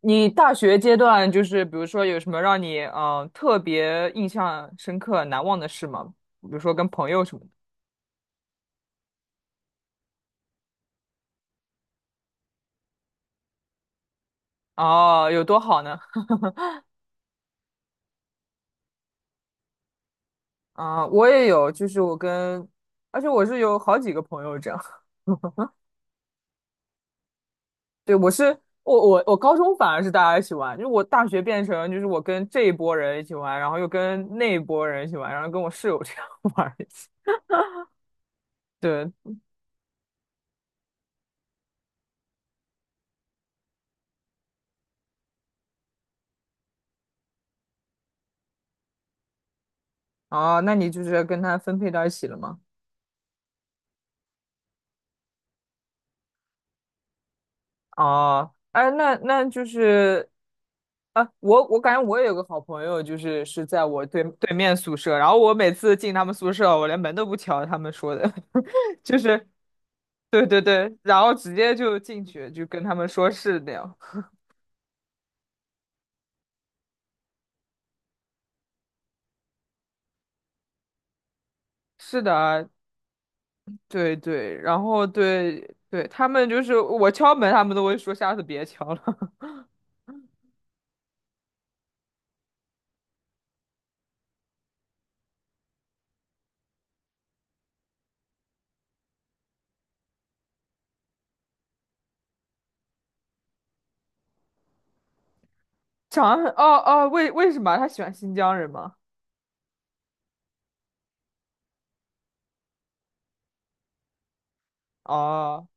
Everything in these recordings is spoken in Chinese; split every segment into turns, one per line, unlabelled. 你大学阶段就是比如说有什么让你特别印象深刻、难忘的事吗？比如说跟朋友什么的。哦，有多好呢？啊、我也有，就是我跟，而且我是有好几个朋友这样。对，我高中反而是大家一起玩，就是我大学变成就是我跟这一波人一起玩，然后又跟那一波人一起玩，然后跟我室友这样 玩儿一起。对。哦，那你就是跟他分配到一起了吗？哦，哎，那就是。啊，我感觉我也有个好朋友，就是在我对面宿舍，然后我每次进他们宿舍，我连门都不敲，他们说的。就是对对对，然后直接就进去，就跟他们说是那样。是的啊。对对，然后对对，他们就是我敲门，他们都会说下次别敲了。长安，哦哦，为什么他喜欢新疆人吗？哦。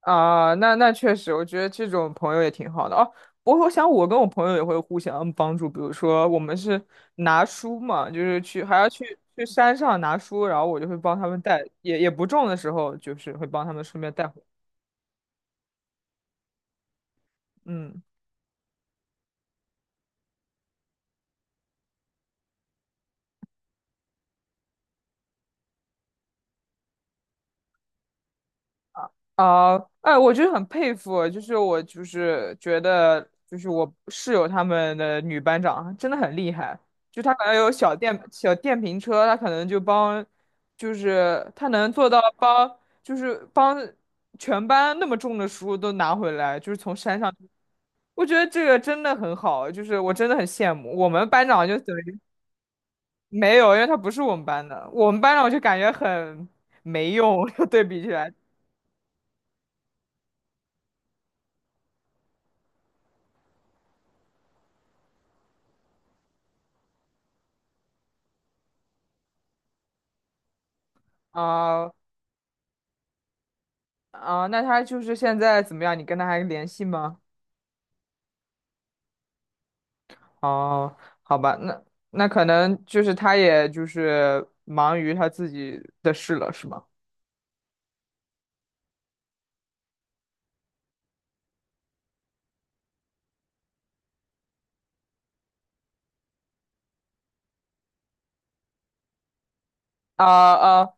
啊，那确实，我觉得这种朋友也挺好的哦。我想我跟我朋友也会互相帮助，比如说我们是拿书嘛，就是去还要去山上拿书，然后我就会帮他们带，也不重的时候，就是会帮他们顺便带回。嗯。啊，哎，我就是很佩服，就是我就是觉得，就是我室友他们的女班长真的很厉害，就她可能有小电瓶车，她可能就帮，就是她能做到帮，就是帮全班那么重的书都拿回来，就是从山上，我觉得这个真的很好，就是我真的很羡慕。我们班长就等于没有，因为他不是我们班的，我们班长就感觉很没用，对比起来。啊、啊，那他就是现在怎么样？你跟他还联系吗？哦，好吧，那可能就是他也就是忙于他自己的事了，是吗？啊啊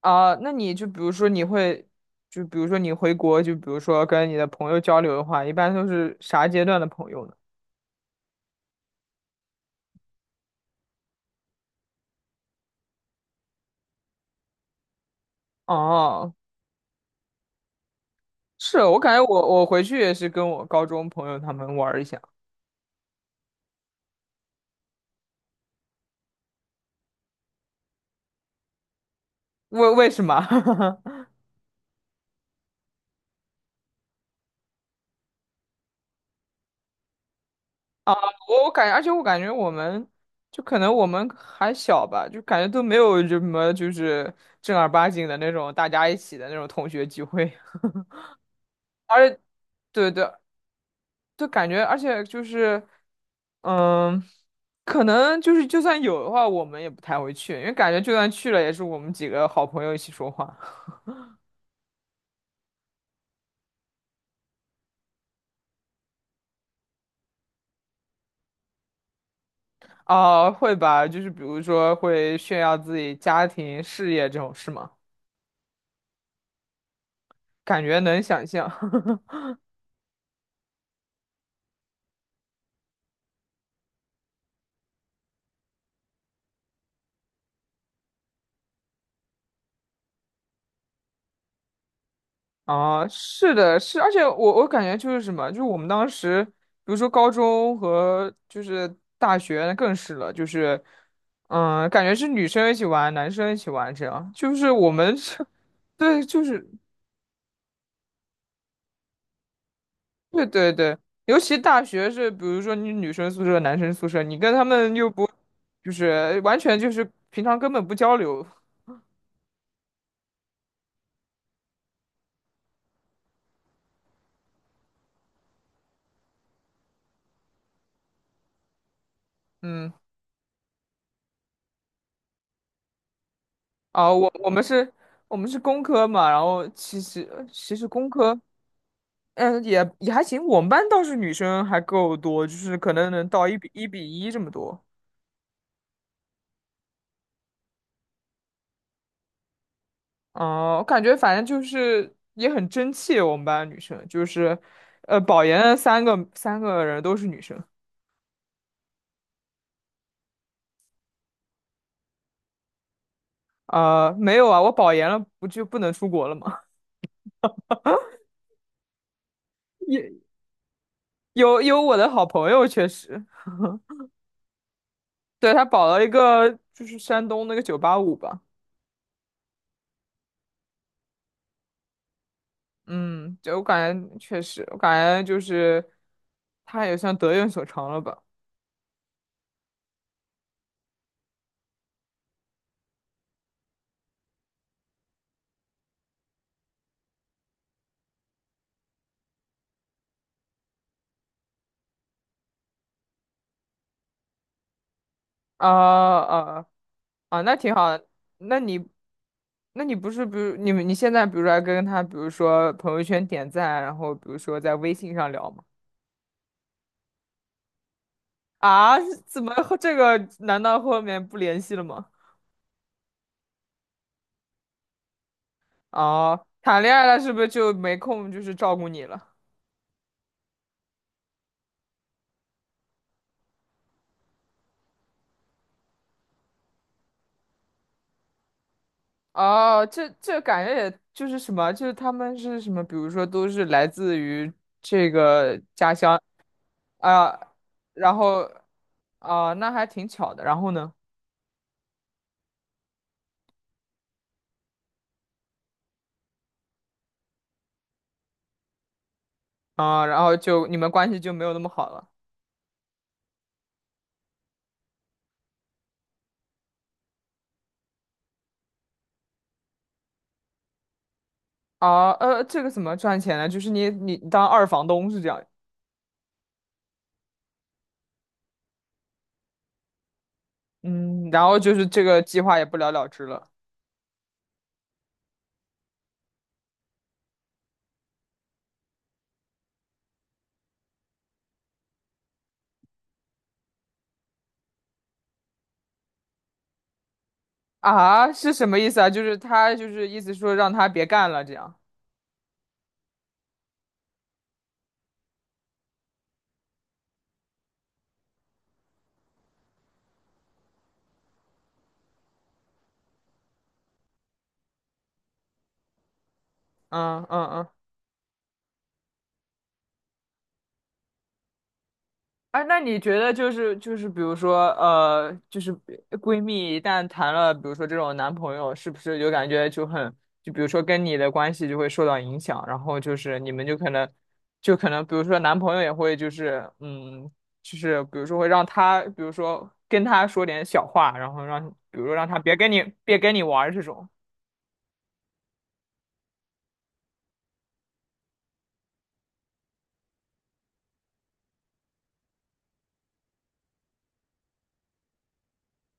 啊！那你就比如说你会，就比如说你回国，就比如说跟你的朋友交流的话，一般都是啥阶段的朋友呢？哦，是我感觉我回去也是跟我高中朋友他们玩儿一下。为什么？我感觉，而且我感觉我们就可能我们还小吧，就感觉都没有什么就是正儿八经的那种大家一起的那种同学聚会。对对，就感觉，而且就是，嗯，可能就是就算有的话，我们也不太会去，因为感觉就算去了，也是我们几个好朋友一起说话。啊，会吧，就是比如说会炫耀自己家庭、事业这种事吗？感觉能想象。啊，是的，是，而且我感觉就是什么，就是我们当时，比如说高中和就是大学更是了，就是，嗯，感觉是女生一起玩，男生一起玩，这样，就是我们是，对，就是对对对，尤其大学是，比如说你女生宿舍、男生宿舍，你跟他们又不，就是完全就是平常根本不交流。嗯。啊，我们是，我们是工科嘛，然后其实工科。嗯，也还行。我们班倒是女生还够多，就是可能能到1:1:1这么多。哦、我感觉反正就是也很争气。我们班女生就是，保研的三个人都是女生。啊，没有啊，我保研了不就不能出国了吗？有有有我的好朋友确实，对，他保了一个就是山东那个985吧。嗯，就我感觉确实，我感觉就是他也算得有所长了吧。啊啊啊！那挺好的。那你，那你，不是，比如你们，你现在比如说还跟他，比如说朋友圈点赞，然后比如说在微信上聊吗？啊，怎么后这个？难道后面不联系了吗？哦，谈恋爱了是不是就没空就是照顾你了？哦，这感觉也就是什么，就是他们是什么，比如说都是来自于这个家乡啊，然后啊，那还挺巧的。然后呢？啊，然后就你们关系就没有那么好了。啊。这个怎么赚钱呢？就是你当二房东是这样。嗯，然后就是这个计划也不了了之了。啊，是什么意思啊？就是他就是意思说让他别干了这样。嗯嗯嗯。哎，那你觉得就是，比如说就是闺蜜一旦谈了，比如说这种男朋友，是不是就感觉就很，就比如说跟你的关系就会受到影响，然后就是你们就可能，就可能比如说男朋友也会就是就是比如说会让他，比如说跟他说点小话，然后让比如说让他别跟你玩儿这种。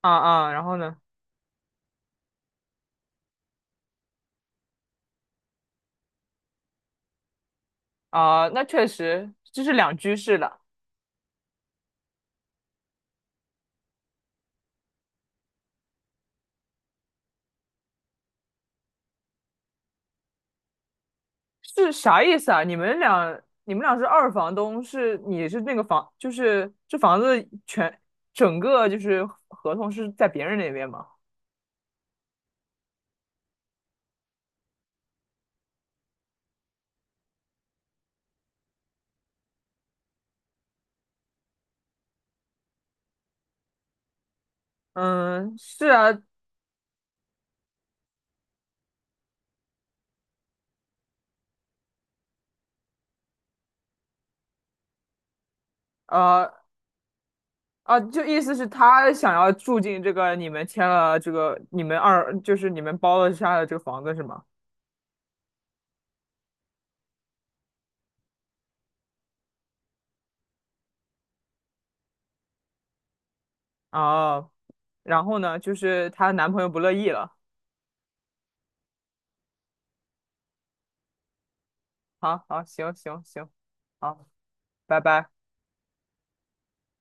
啊啊，然后呢？啊，那确实这是两居室的。是啥意思啊？你们俩是二房东，是你是那个房，就是这房子全整个就是合同是在别人那边吗？嗯，是啊。呃啊，就意思是他想要住进这个你们签了这个你们二就是你们包了下的这个房子是吗？啊，然后呢？就是她男朋友不乐意了。好好，行行行，好，拜拜。